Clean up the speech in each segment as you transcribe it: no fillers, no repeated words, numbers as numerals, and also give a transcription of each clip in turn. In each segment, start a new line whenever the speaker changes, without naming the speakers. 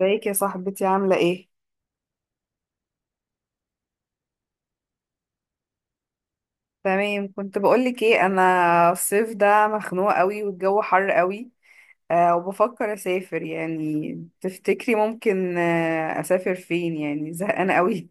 ازيك يا صاحبتي، عاملة ايه؟ تمام. كنت بقولك ايه، انا الصيف ده مخنوقة قوي والجو حر قوي. وبفكر اسافر، يعني تفتكري ممكن، اسافر فين؟ يعني زهقانة قوي.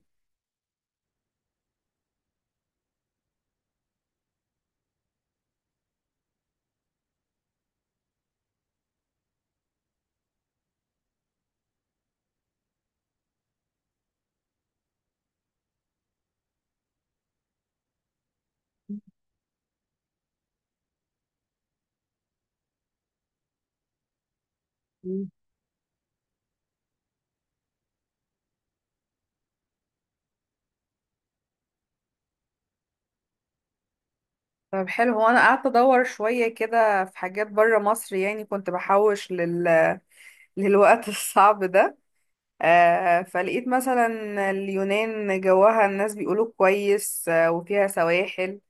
مم. طب حلو. هو انا قعدت ادور شوية كده في حاجات بره مصر، يعني كنت بحوش للوقت الصعب ده. فلقيت مثلا اليونان جوها الناس بيقولوا كويس، وفيها سواحل،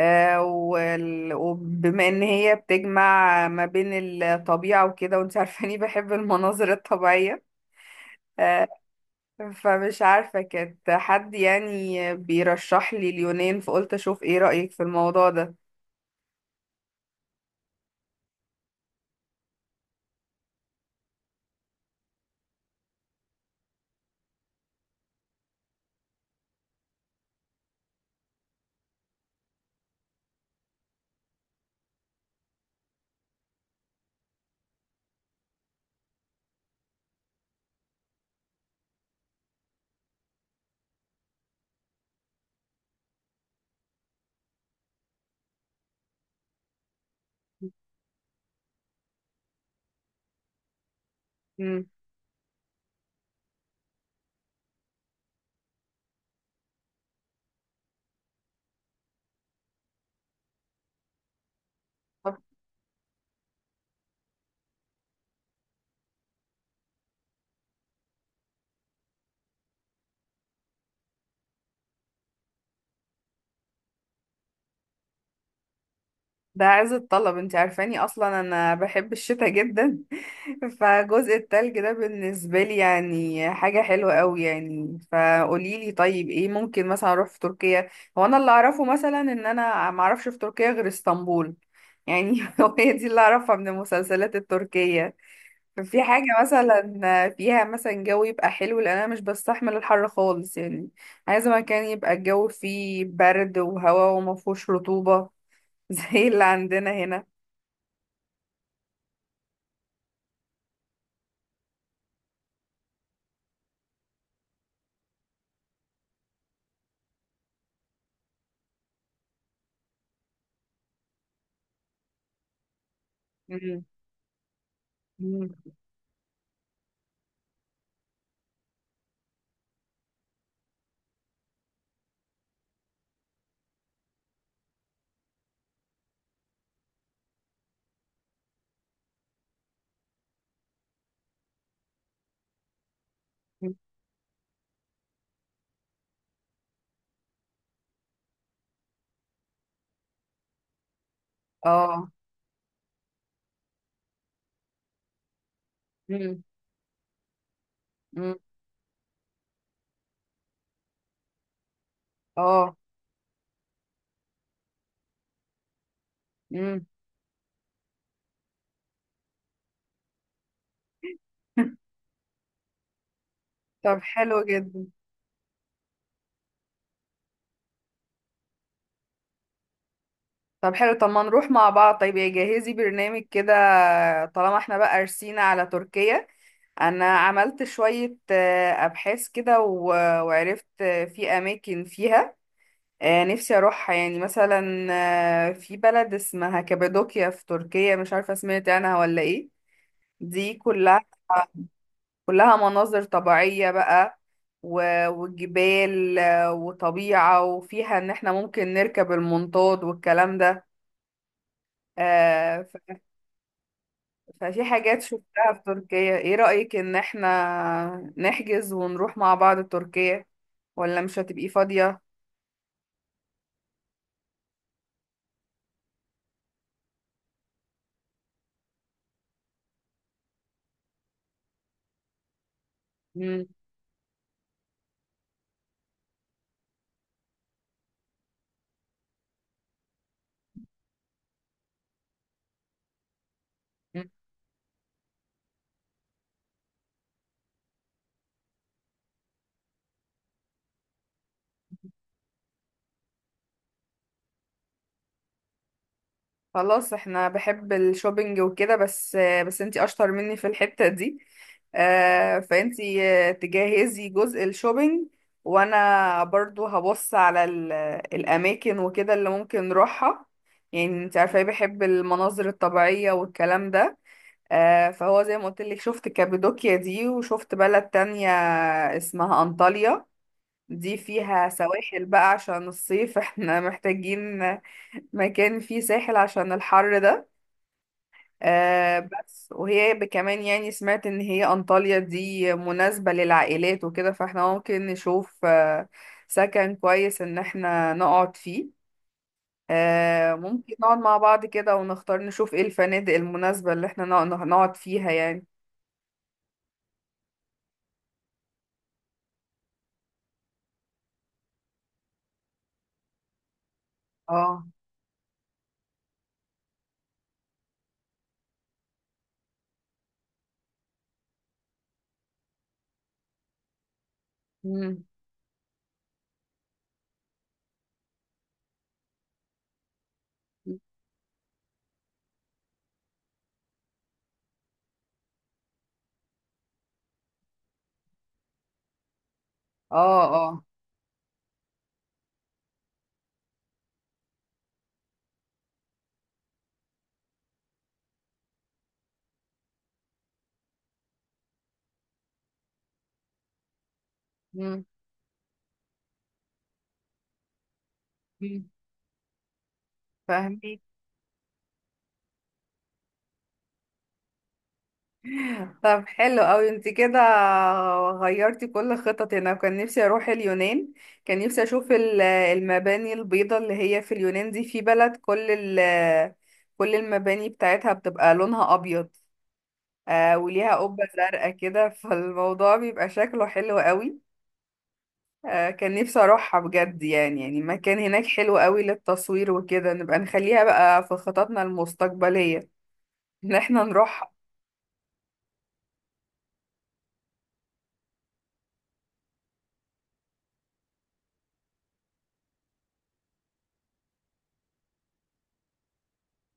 وبما ان هي بتجمع ما بين الطبيعة وكده، وانت عارفاني بحب المناظر الطبيعية. آه، فمش عارفة، كانت حد يعني بيرشح لي اليونان، فقلت اشوف ايه رأيك في الموضوع ده. مم. ده عز الطلب، انت عارفاني اصلا انا بحب الشتاء جدا. فجزء التلج ده بالنسبة لي يعني حاجة حلوة قوي، يعني فقوليلي طيب ايه ممكن مثلا اروح في تركيا. هو انا اللي اعرفه مثلا ان انا معرفش في تركيا غير اسطنبول، يعني هو هي دي اللي اعرفها من المسلسلات التركية. ففي حاجة مثلا فيها مثلا جو يبقى حلو، لان انا مش بستحمل الحر خالص يعني. عايزة مكان يبقى الجو فيه برد وهواء ومفهوش رطوبة، زي اللي عندنا هنا. مم. مم. مم. اه. مم. مم. اه. مم. طب حلو جدا. طب حلو، طب ما نروح مع بعض؟ طيب يا جهزي برنامج كده، طالما احنا بقى رسينا على تركيا. انا عملت شوية ابحاث كده وعرفت، في اماكن فيها نفسي اروحها، يعني مثلا في بلد اسمها كابادوكيا في تركيا. مش عارفة سمعت عنها ولا ايه؟ دي كلها مناظر طبيعية بقى، وجبال، وطبيعة، وفيها ان احنا ممكن نركب المنطاد والكلام ده. آه، ف- ففي حاجات شفتها في تركيا. ايه رأيك ان احنا نحجز ونروح مع بعض تركيا، ولا مش هتبقي فاضية؟ مم. خلاص، احنا بحب الشوبينج وكده بس. بس انتي اشطر مني في الحتة دي، فانتي تجهزي جزء الشوبينج. وانا برضو هبص على الاماكن وكده اللي ممكن نروحها. يعني انت عارفة ايه، بحب المناظر الطبيعية والكلام ده. فهو زي ما قلت لك، شفت كابادوكيا دي وشفت بلد تانية اسمها انطاليا. دي فيها سواحل بقى عشان الصيف، احنا محتاجين مكان فيه ساحل عشان الحر ده. آه بس وهي كمان يعني سمعت ان هي انطاليا دي مناسبة للعائلات وكده، فاحنا ممكن نشوف سكن كويس ان احنا نقعد فيه. ممكن نقعد مع بعض كده ونختار نشوف ايه الفنادق المناسبة اللي احنا نقعد فيها يعني. اه. مم. اه. اه. مم. مم. فاهمك. طب حلو قوي، انت كده غيرتي كل خططي. انا كان نفسي اروح اليونان، كان نفسي اشوف المباني البيضاء اللي هي في اليونان دي. في بلد كل المباني بتاعتها بتبقى لونها ابيض. وليها قبة زرقاء كده، فالموضوع بيبقى شكله حلو قوي. كان نفسي اروحها بجد يعني، يعني مكان هناك حلو قوي للتصوير وكده. نبقى نخليها بقى في خططنا المستقبلية ان احنا نروح.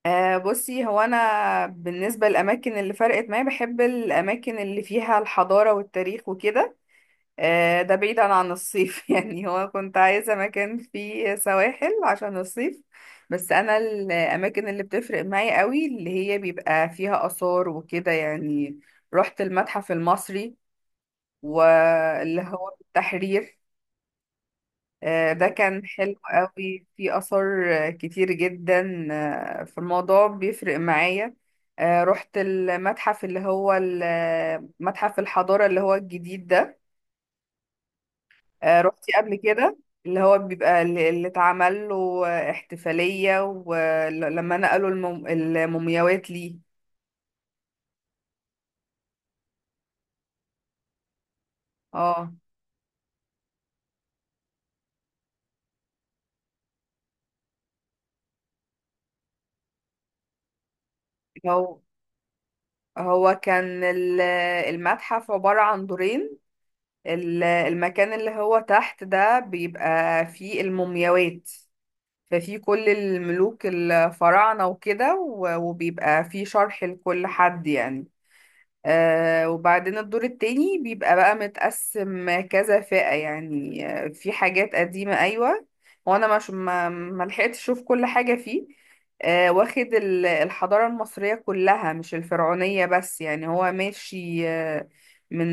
بصي هو انا بالنسبه للاماكن اللي فرقت معايا، بحب الاماكن اللي فيها الحضاره والتاريخ وكده. ده بعيدا عن الصيف، يعني هو كنت عايزه مكان فيه سواحل عشان الصيف. بس انا الاماكن اللي بتفرق معايا قوي اللي هي بيبقى فيها اثار وكده يعني. رحت المتحف المصري، واللي هو التحرير. ده كان حلو قوي، في آثار كتير جدا، في الموضوع بيفرق معايا. رحت المتحف اللي هو متحف الحضارة اللي هو الجديد ده. رحتي قبل كده؟ اللي هو بيبقى اللي اتعمل له احتفالية، ولما نقلوا المومياوات ليه. اه. هو هو كان المتحف عبارة عن دورين. المكان اللي هو تحت ده بيبقى فيه المومياوات. ففي كل الملوك الفراعنة وكده، وبيبقى في شرح لكل حد يعني. وبعدين الدور التاني بيبقى بقى متقسم كذا فئة يعني، في حاجات قديمة، أيوة، وأنا مش ما لحقتش أشوف كل حاجة فيه. واخد الحضارة المصرية كلها مش الفرعونية بس يعني، هو ماشي من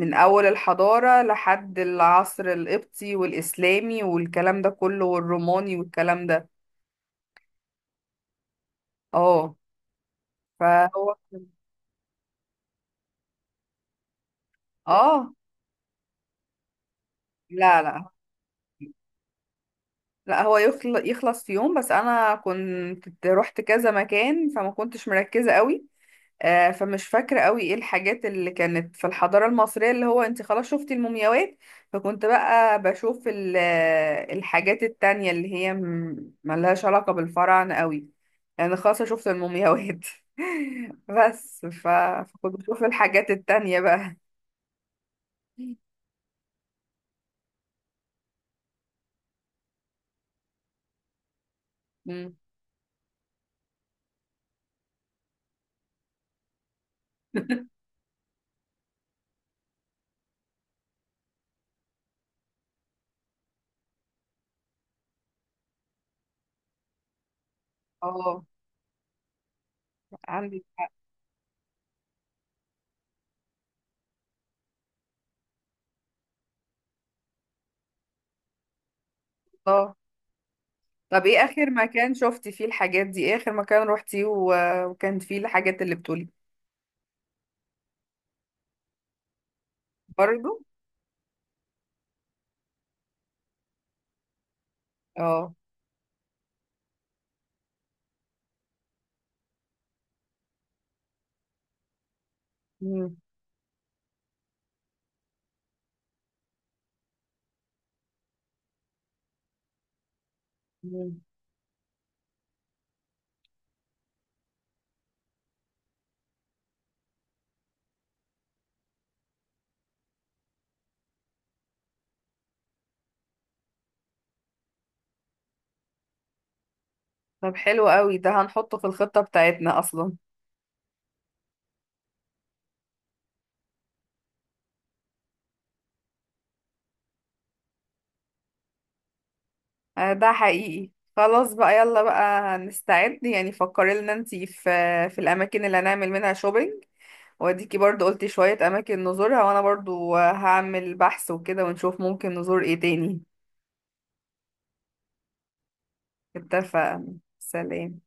من أول الحضارة لحد العصر القبطي والإسلامي والكلام ده كله، والروماني والكلام ده. اه. فهو. اه. لا، لا، لا، هو يخلص في يوم، بس انا كنت رحت كذا مكان فما كنتش مركزة قوي. فمش فاكرة قوي ايه الحاجات اللي كانت في الحضارة المصرية اللي هو، انت خلاص شفتي المومياوات، فكنت بقى بشوف الحاجات التانية اللي هي ملهاش علاقة بالفراعنة قوي، يعني خلاص شفت المومياوات. بس فكنت بشوف الحاجات التانية بقى. مم. اه. عندي. طب ايه اخر مكان شفتي فيه الحاجات دي؟ ايه اخر مكان روحتيه وكان فيه الحاجات اللي بتقولي؟ برضو. اه. مم. مم. طب حلو قوي، ده هنحطه في الخطة بتاعتنا اصلا. ده حقيقي. خلاص بقى، يلا بقى نستعد. يعني فكري لنا انتي في الاماكن اللي هنعمل منها شوبينج، واديكي برضو قلتي شوية اماكن نزورها، وانا برضو هعمل بحث وكده، ونشوف ممكن نزور ايه تاني. اتفق. سلام.